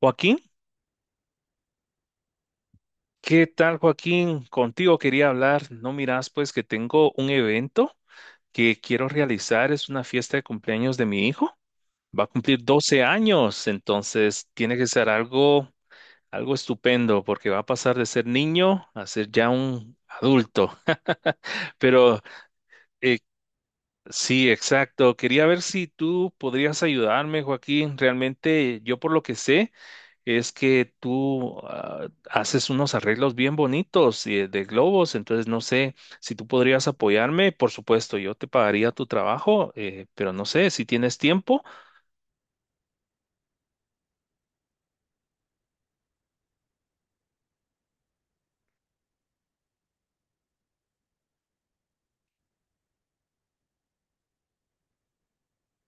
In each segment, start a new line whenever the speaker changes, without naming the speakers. Joaquín, ¿qué tal, Joaquín? Contigo quería hablar. No miras, pues que tengo un evento que quiero realizar. Es una fiesta de cumpleaños de mi hijo. Va a cumplir 12 años, entonces tiene que ser algo, algo estupendo porque va a pasar de ser niño a ser ya un adulto. Pero eh, sí, exacto. Quería ver si tú podrías ayudarme, Joaquín. Realmente yo por lo que sé. Es que tú haces unos arreglos bien bonitos, de globos, entonces no sé si tú podrías apoyarme. Por supuesto, yo te pagaría tu trabajo, pero no sé si tienes tiempo.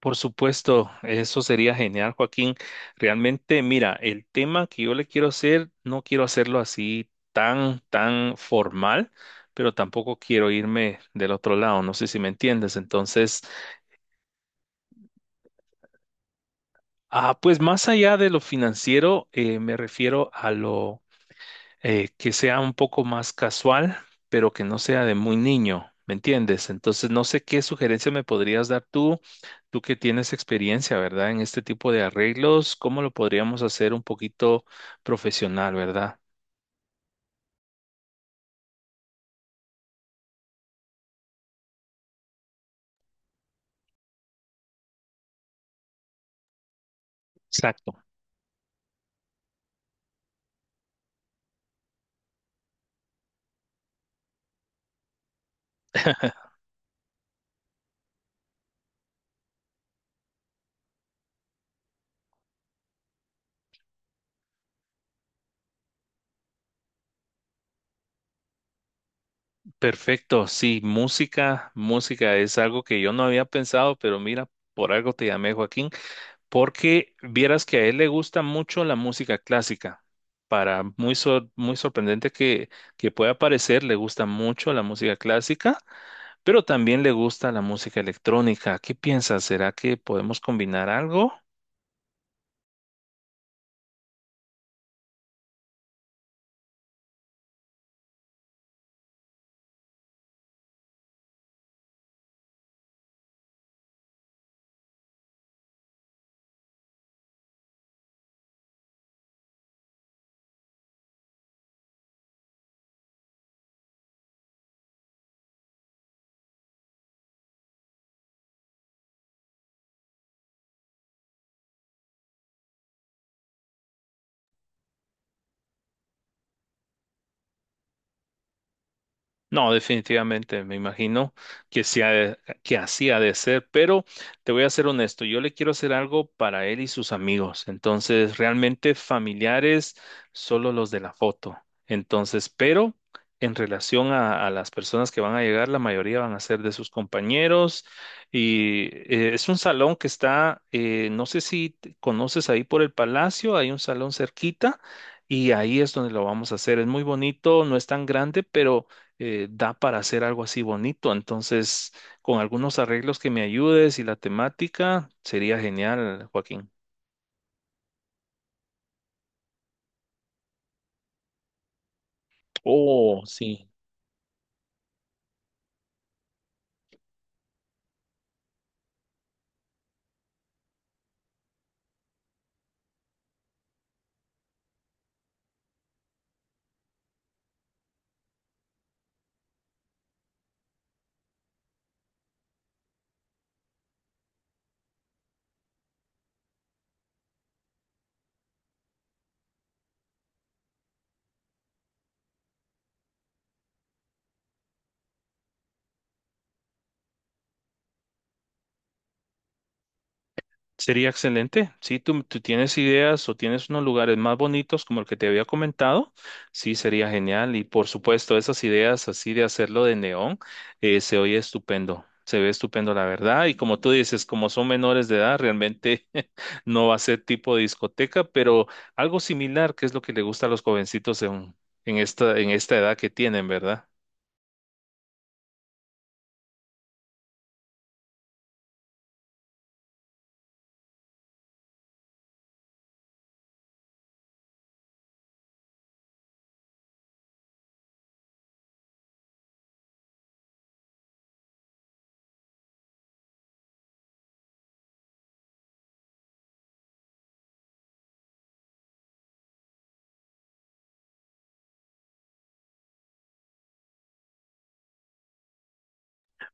Por supuesto, eso sería genial, Joaquín. Realmente, mira, el tema que yo le quiero hacer, no quiero hacerlo así tan formal, pero tampoco quiero irme del otro lado, no sé si me entiendes. Entonces, pues más allá de lo financiero, me refiero a lo que sea un poco más casual, pero que no sea de muy niño, ¿me entiendes? Entonces, no sé qué sugerencia me podrías dar tú, tú que tienes experiencia, ¿verdad? En este tipo de arreglos, ¿cómo lo podríamos hacer un poquito profesional, ¿verdad? Exacto. Perfecto, sí, música, música es algo que yo no había pensado, pero mira, por algo te llamé, Joaquín, porque vieras que a él le gusta mucho la música clásica. Para muy, muy sorprendente que pueda parecer, le gusta mucho la música clásica, pero también le gusta la música electrónica. ¿Qué piensas? ¿Será que podemos combinar algo? No, definitivamente, me imagino que que así ha de ser, pero te voy a ser honesto, yo le quiero hacer algo para él y sus amigos, entonces realmente familiares, solo los de la foto, entonces, pero en relación a las personas que van a llegar, la mayoría van a ser de sus compañeros y es un salón que está, no sé si conoces ahí por el palacio, hay un salón cerquita y ahí es donde lo vamos a hacer, es muy bonito, no es tan grande, pero da para hacer algo así bonito. Entonces, con algunos arreglos que me ayudes y la temática, sería genial, Joaquín. Oh, sí. Sería excelente. Si tú, tú tienes ideas o tienes unos lugares más bonitos como el que te había comentado, sí, sería genial. Y por supuesto, esas ideas así de hacerlo de neón, se oye estupendo. Se ve estupendo, la verdad. Y como tú dices, como son menores de edad, realmente no va a ser tipo de discoteca, pero algo similar, que es lo que le gusta a los jovencitos en esta edad que tienen, ¿verdad?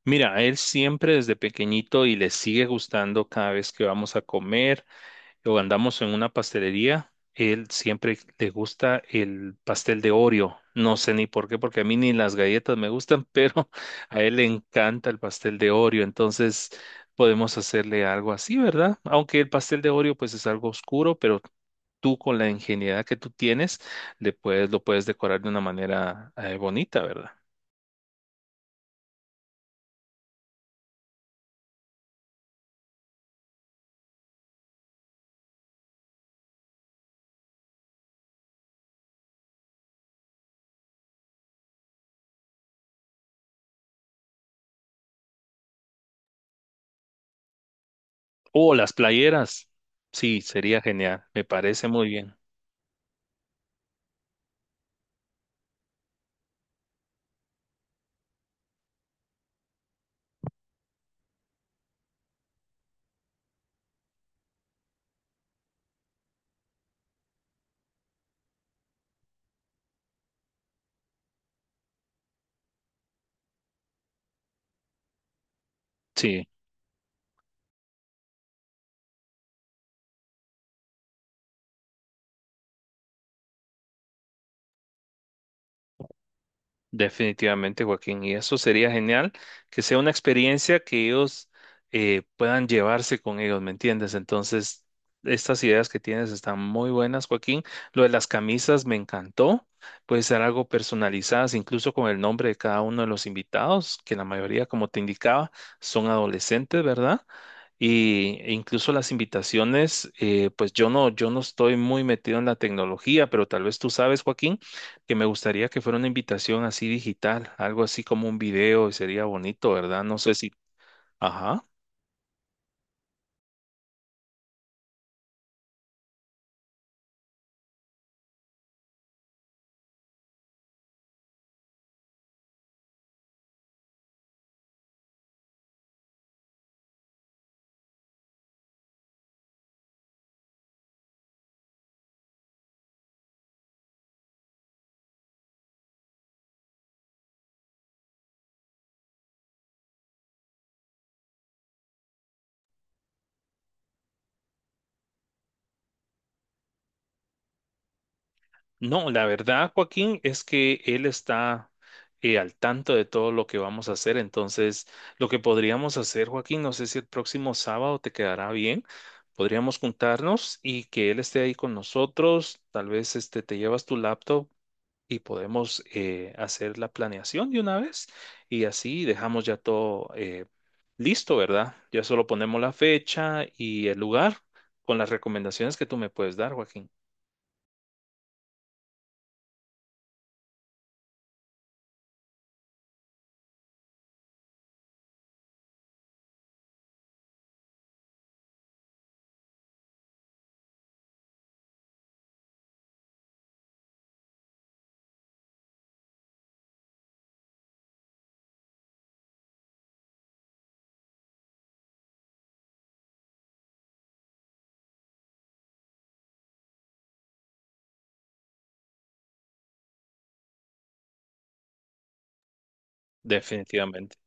Mira, a él siempre desde pequeñito y le sigue gustando cada vez que vamos a comer, o andamos en una pastelería, él siempre le gusta el pastel de Oreo. No sé ni por qué, porque a mí ni las galletas me gustan, pero a él le encanta el pastel de Oreo. Entonces podemos hacerle algo así, ¿verdad? Aunque el pastel de Oreo pues es algo oscuro, pero tú con la ingenuidad que tú tienes, le puedes, lo puedes decorar de una manera bonita, ¿verdad? O las playeras. Sí, sería genial. Me parece muy bien. Sí. Definitivamente, Joaquín, y eso sería genial, que sea una experiencia que ellos puedan llevarse con ellos, ¿me entiendes? Entonces, estas ideas que tienes están muy buenas, Joaquín. Lo de las camisas me encantó, puede ser algo personalizadas, incluso con el nombre de cada uno de los invitados, que la mayoría, como te indicaba, son adolescentes, ¿verdad? Y e incluso las invitaciones, pues yo no estoy muy metido en la tecnología, pero tal vez tú sabes, Joaquín, que me gustaría que fuera una invitación así digital, algo así como un video, y sería bonito, ¿verdad? No sé si... Ajá. No, la verdad, Joaquín, es que él está al tanto de todo lo que vamos a hacer. Entonces, lo que podríamos hacer, Joaquín, no sé si el próximo sábado te quedará bien. Podríamos juntarnos y que él esté ahí con nosotros. Tal vez este, te llevas tu laptop y podemos hacer la planeación de una vez y así dejamos ya todo listo, ¿verdad? Ya solo ponemos la fecha y el lugar con las recomendaciones que tú me puedes dar, Joaquín. Definitivamente.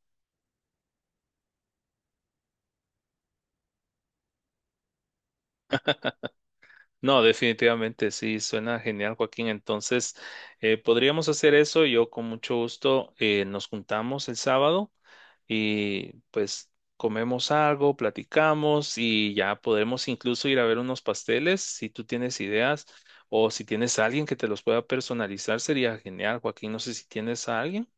No, definitivamente sí, suena genial, Joaquín. Entonces, podríamos hacer eso. Yo con mucho gusto nos juntamos el sábado y pues comemos algo, platicamos y ya podremos incluso ir a ver unos pasteles. Si tú tienes ideas o si tienes a alguien que te los pueda personalizar, sería genial, Joaquín. No sé si tienes a alguien.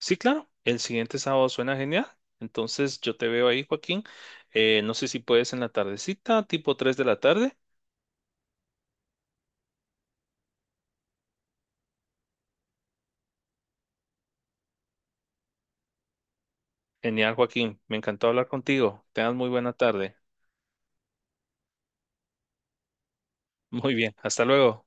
Sí, claro, el siguiente sábado suena genial. Entonces, yo te veo ahí, Joaquín. No sé si puedes en la tardecita, tipo 3 de la tarde. Genial, Joaquín. Me encantó hablar contigo. Tengas muy buena tarde. Muy bien. Hasta luego.